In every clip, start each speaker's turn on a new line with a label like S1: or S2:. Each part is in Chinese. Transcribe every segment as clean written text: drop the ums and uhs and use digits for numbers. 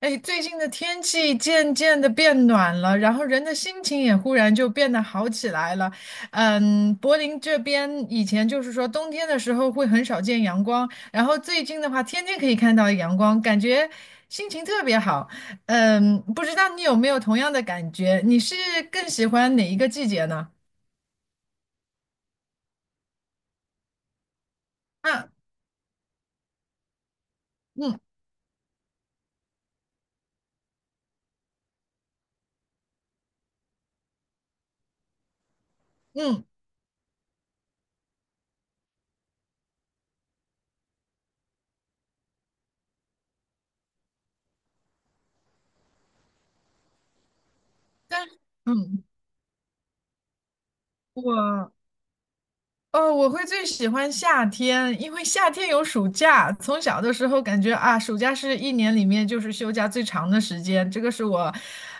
S1: 哎，最近的天气渐渐的变暖了，然后人的心情也忽然就变得好起来了。嗯，柏林这边以前就是说冬天的时候会很少见阳光，然后最近的话天天可以看到阳光，感觉心情特别好。嗯，不知道你有没有同样的感觉？你是更喜欢哪一个季节呢？啊。嗯嗯。但。嗯。我。哦，我会最喜欢夏天，因为夏天有暑假。从小的时候感觉啊，暑假是一年里面就是休假最长的时间，这个是我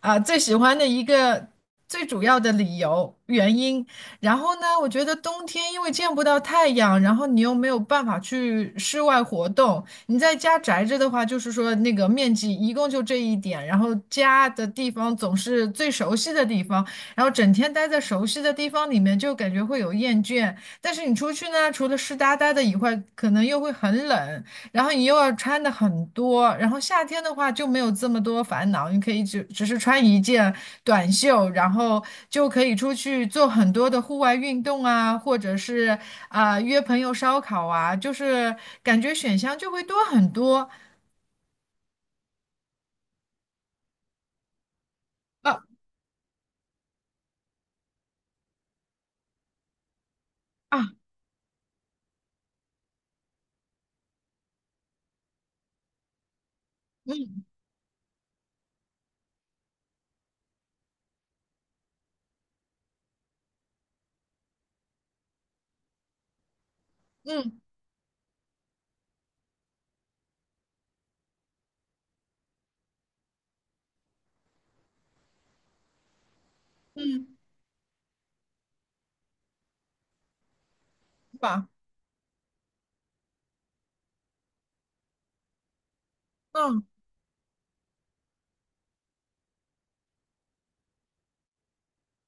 S1: 最喜欢的一个最主要的理由原因。然后呢，我觉得冬天因为见不到太阳，然后你又没有办法去室外活动，你在家宅着的话，就是说那个面积一共就这一点，然后家的地方总是最熟悉的地方，然后整天待在熟悉的地方里面，就感觉会有厌倦。但是你出去呢，除了湿哒哒的以外，可能又会很冷，然后你又要穿的很多，然后夏天的话就没有这么多烦恼，你可以只是穿一件短袖，然后就可以出去做很多的户外运动啊，或者是约朋友烧烤啊，就是感觉选项就会多很多。啊。啊。嗯。嗯。吧。嗯。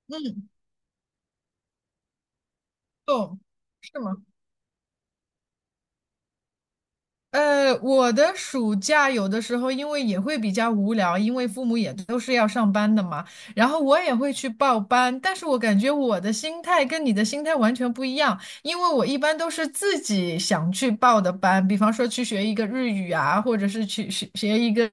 S1: 嗯。懂。是吗？我的暑假有的时候因为也会比较无聊，因为父母也都是要上班的嘛，然后我也会去报班，但是我感觉我的心态跟你的心态完全不一样，因为我一般都是自己想去报的班，比方说去学一个日语啊，或者是去学学一个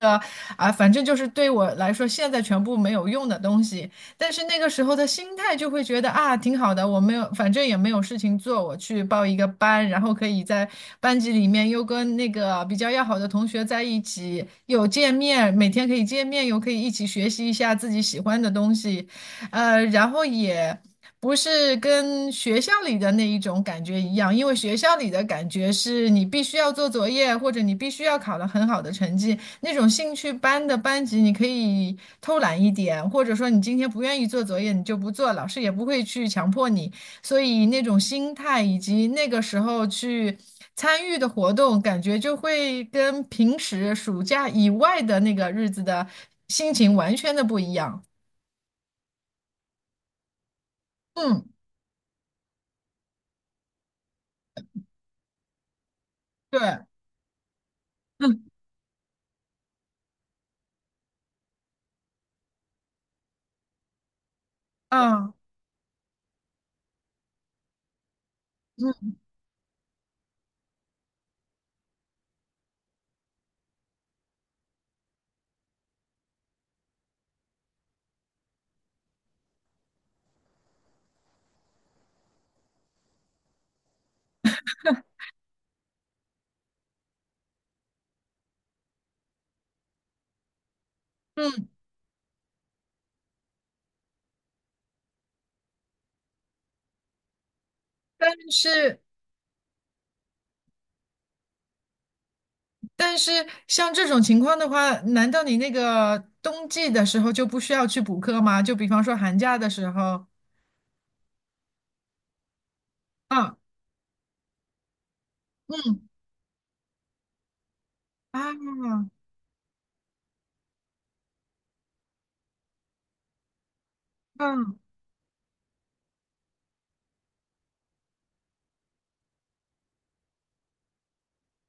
S1: 啊，反正就是对我来说现在全部没有用的东西，但是那个时候的心态就会觉得啊，挺好的，我没有，反正也没有事情做，我去报一个班，然后可以在班级里面又跟那个比较要好的同学在一起，有见面，每天可以见面，又可以一起学习一下自己喜欢的东西，然后也。不是跟学校里的那一种感觉一样，因为学校里的感觉是你必须要做作业，或者你必须要考得很好的成绩，那种兴趣班的班级，你可以偷懒一点，或者说你今天不愿意做作业，你就不做，老师也不会去强迫你。所以那种心态以及那个时候去参与的活动，感觉就会跟平时暑假以外的那个日子的心情完全的不一样。嗯，对。嗯。啊。嗯。嗯。但是。但是像这种情况的话，难道你那个冬季的时候就不需要去补课吗？就比方说寒假的时候，啊。嗯。啊。嗯。嗯。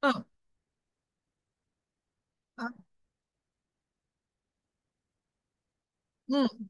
S1: 嗯。嗯。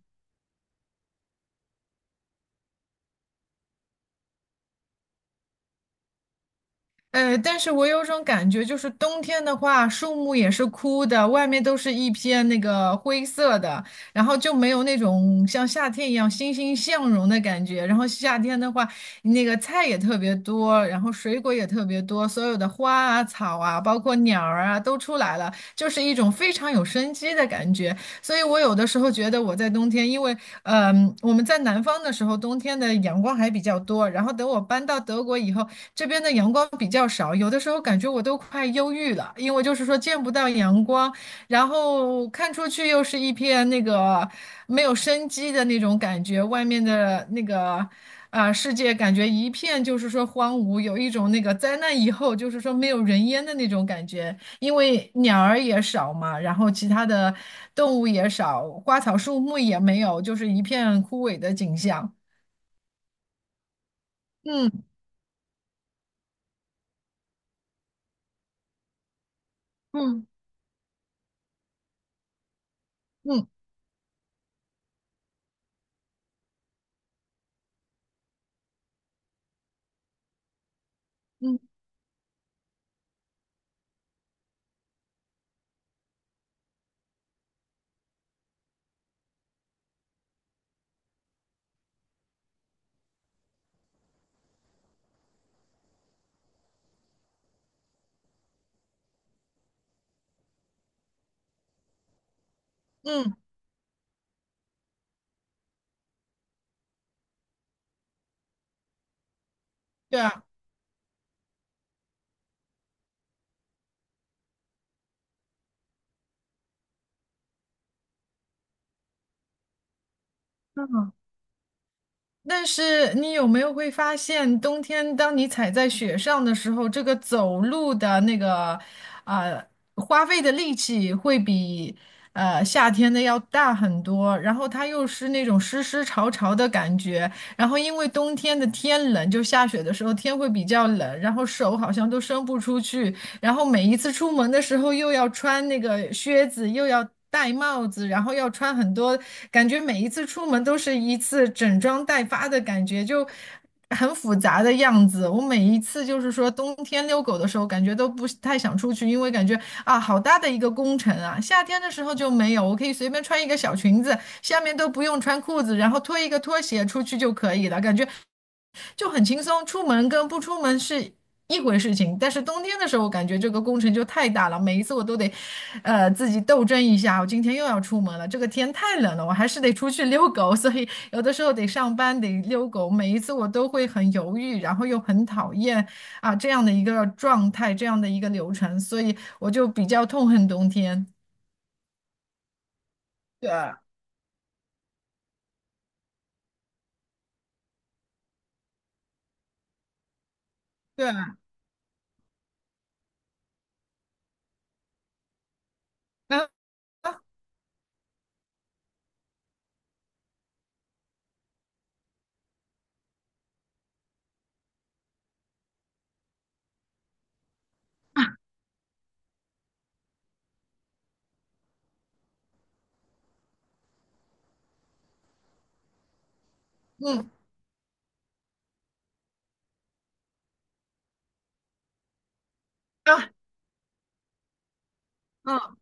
S1: 但是我有种感觉，就是冬天的话，树木也是枯的，外面都是一片那个灰色的，然后就没有那种像夏天一样欣欣向荣的感觉。然后夏天的话，那个菜也特别多，然后水果也特别多，所有的花啊、草啊，包括鸟儿啊都出来了，就是一种非常有生机的感觉。所以我有的时候觉得我在冬天，因为我们在南方的时候，冬天的阳光还比较多。然后等我搬到德国以后，这边的阳光比较少，有的时候感觉我都快忧郁了，因为就是说见不到阳光，然后看出去又是一片那个没有生机的那种感觉，外面的那个世界感觉一片就是说荒芜，有一种那个灾难以后就是说没有人烟的那种感觉。因为鸟儿也少嘛，然后其他的动物也少，花草树木也没有，就是一片枯萎的景象。嗯。嗯。嗯。嗯。嗯。对啊。嗯。但是你有没有会发现，冬天当你踩在雪上的时候，这个走路的那个，呃，花费的力气会比夏天的要大很多。然后它又是那种湿湿潮潮的感觉。然后因为冬天的天冷，就下雪的时候天会比较冷，然后手好像都伸不出去，然后每一次出门的时候又要穿那个靴子，又要戴帽子，然后要穿很多，感觉每一次出门都是一次整装待发的感觉，就很复杂的样子。我每一次就是说冬天遛狗的时候，感觉都不是太想出去，因为感觉啊好大的一个工程啊。夏天的时候就没有，我可以随便穿一个小裙子，下面都不用穿裤子，然后脱一个拖鞋出去就可以了，感觉就很轻松。出门跟不出门是一回事情，但是冬天的时候，我感觉这个工程就太大了，每一次我都得，自己斗争一下。我今天又要出门了，这个天太冷了，我还是得出去遛狗，所以有的时候得上班，得遛狗。每一次我都会很犹豫，然后又很讨厌啊这样的一个状态，这样的一个流程，所以我就比较痛恨冬天。对。对。啊。啊。啊！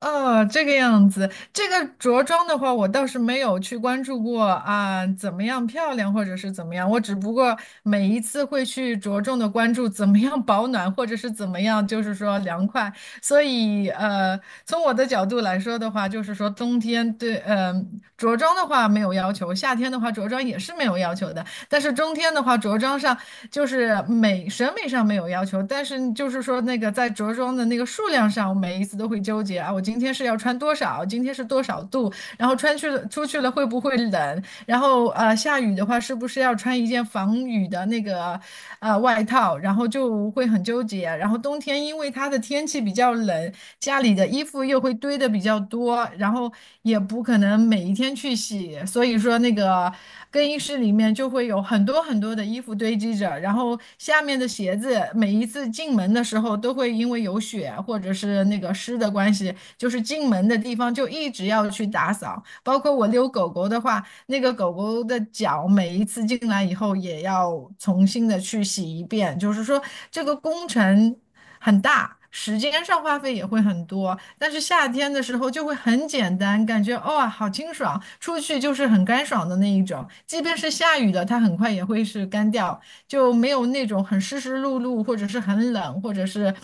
S1: 哦，这个样子，这个着装的话，我倒是没有去关注过啊，怎么样漂亮或者是怎么样，我只不过每一次会去着重的关注怎么样保暖，或者是怎么样，就是说凉快。所以，从我的角度来说的话，就是说冬天对，着装的话没有要求，夏天的话着装也是没有要求的。但是中天的话，着装上就是美审美上没有要求，但是就是说那个在着装的那个数量上，我每一次都会纠结啊，我今天是要穿多少，今天是多少度，然后穿去了出去了会不会冷，然后下雨的话是不是要穿一件防雨的那个外套？然后就会很纠结啊。然后冬天因为它的天气比较冷，家里的衣服又会堆的比较多，然后也不可能每一天去洗，所以说那个更衣室里面就会有很多很多的衣服堆积着，然后下面的鞋子每一次进门的时候都会因为有雪或者是那个湿的关系，就是进门的地方就一直要去打扫，包括我遛狗狗的话。那个狗狗的脚每一次进来以后也要重新的去洗一遍，就是说这个工程很大，时间上花费也会很多。但是夏天的时候就会很简单，感觉哦，好清爽，出去就是很干爽的那一种。即便是下雨了，它很快也会是干掉；就没有那种很湿湿漉漉，或者是很冷，或者是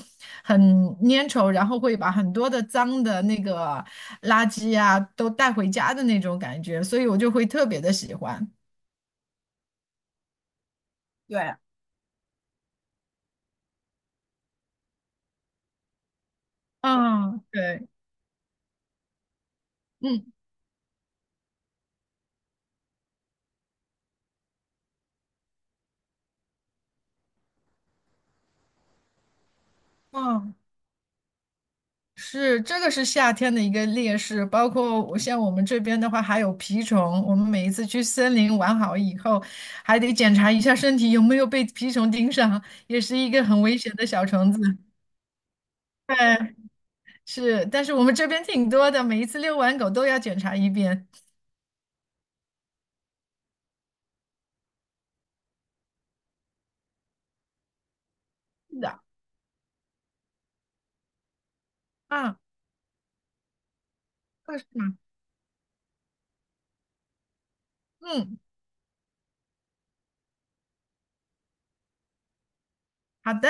S1: 很粘稠，然后会把很多的脏的那个垃圾啊都带回家的那种感觉，所以我就会特别的喜欢。对。嗯，对。嗯。嗯。是，这个是夏天的一个劣势，包括我像我们这边的话，还有蜱虫。我们每一次去森林玩好以后，还得检查一下身体有没有被蜱虫盯上，也是一个很危险的小虫子。对，是，但是我们这边挺多的，每一次遛完狗都要检查一遍。是的。啊。20码。嗯。好的。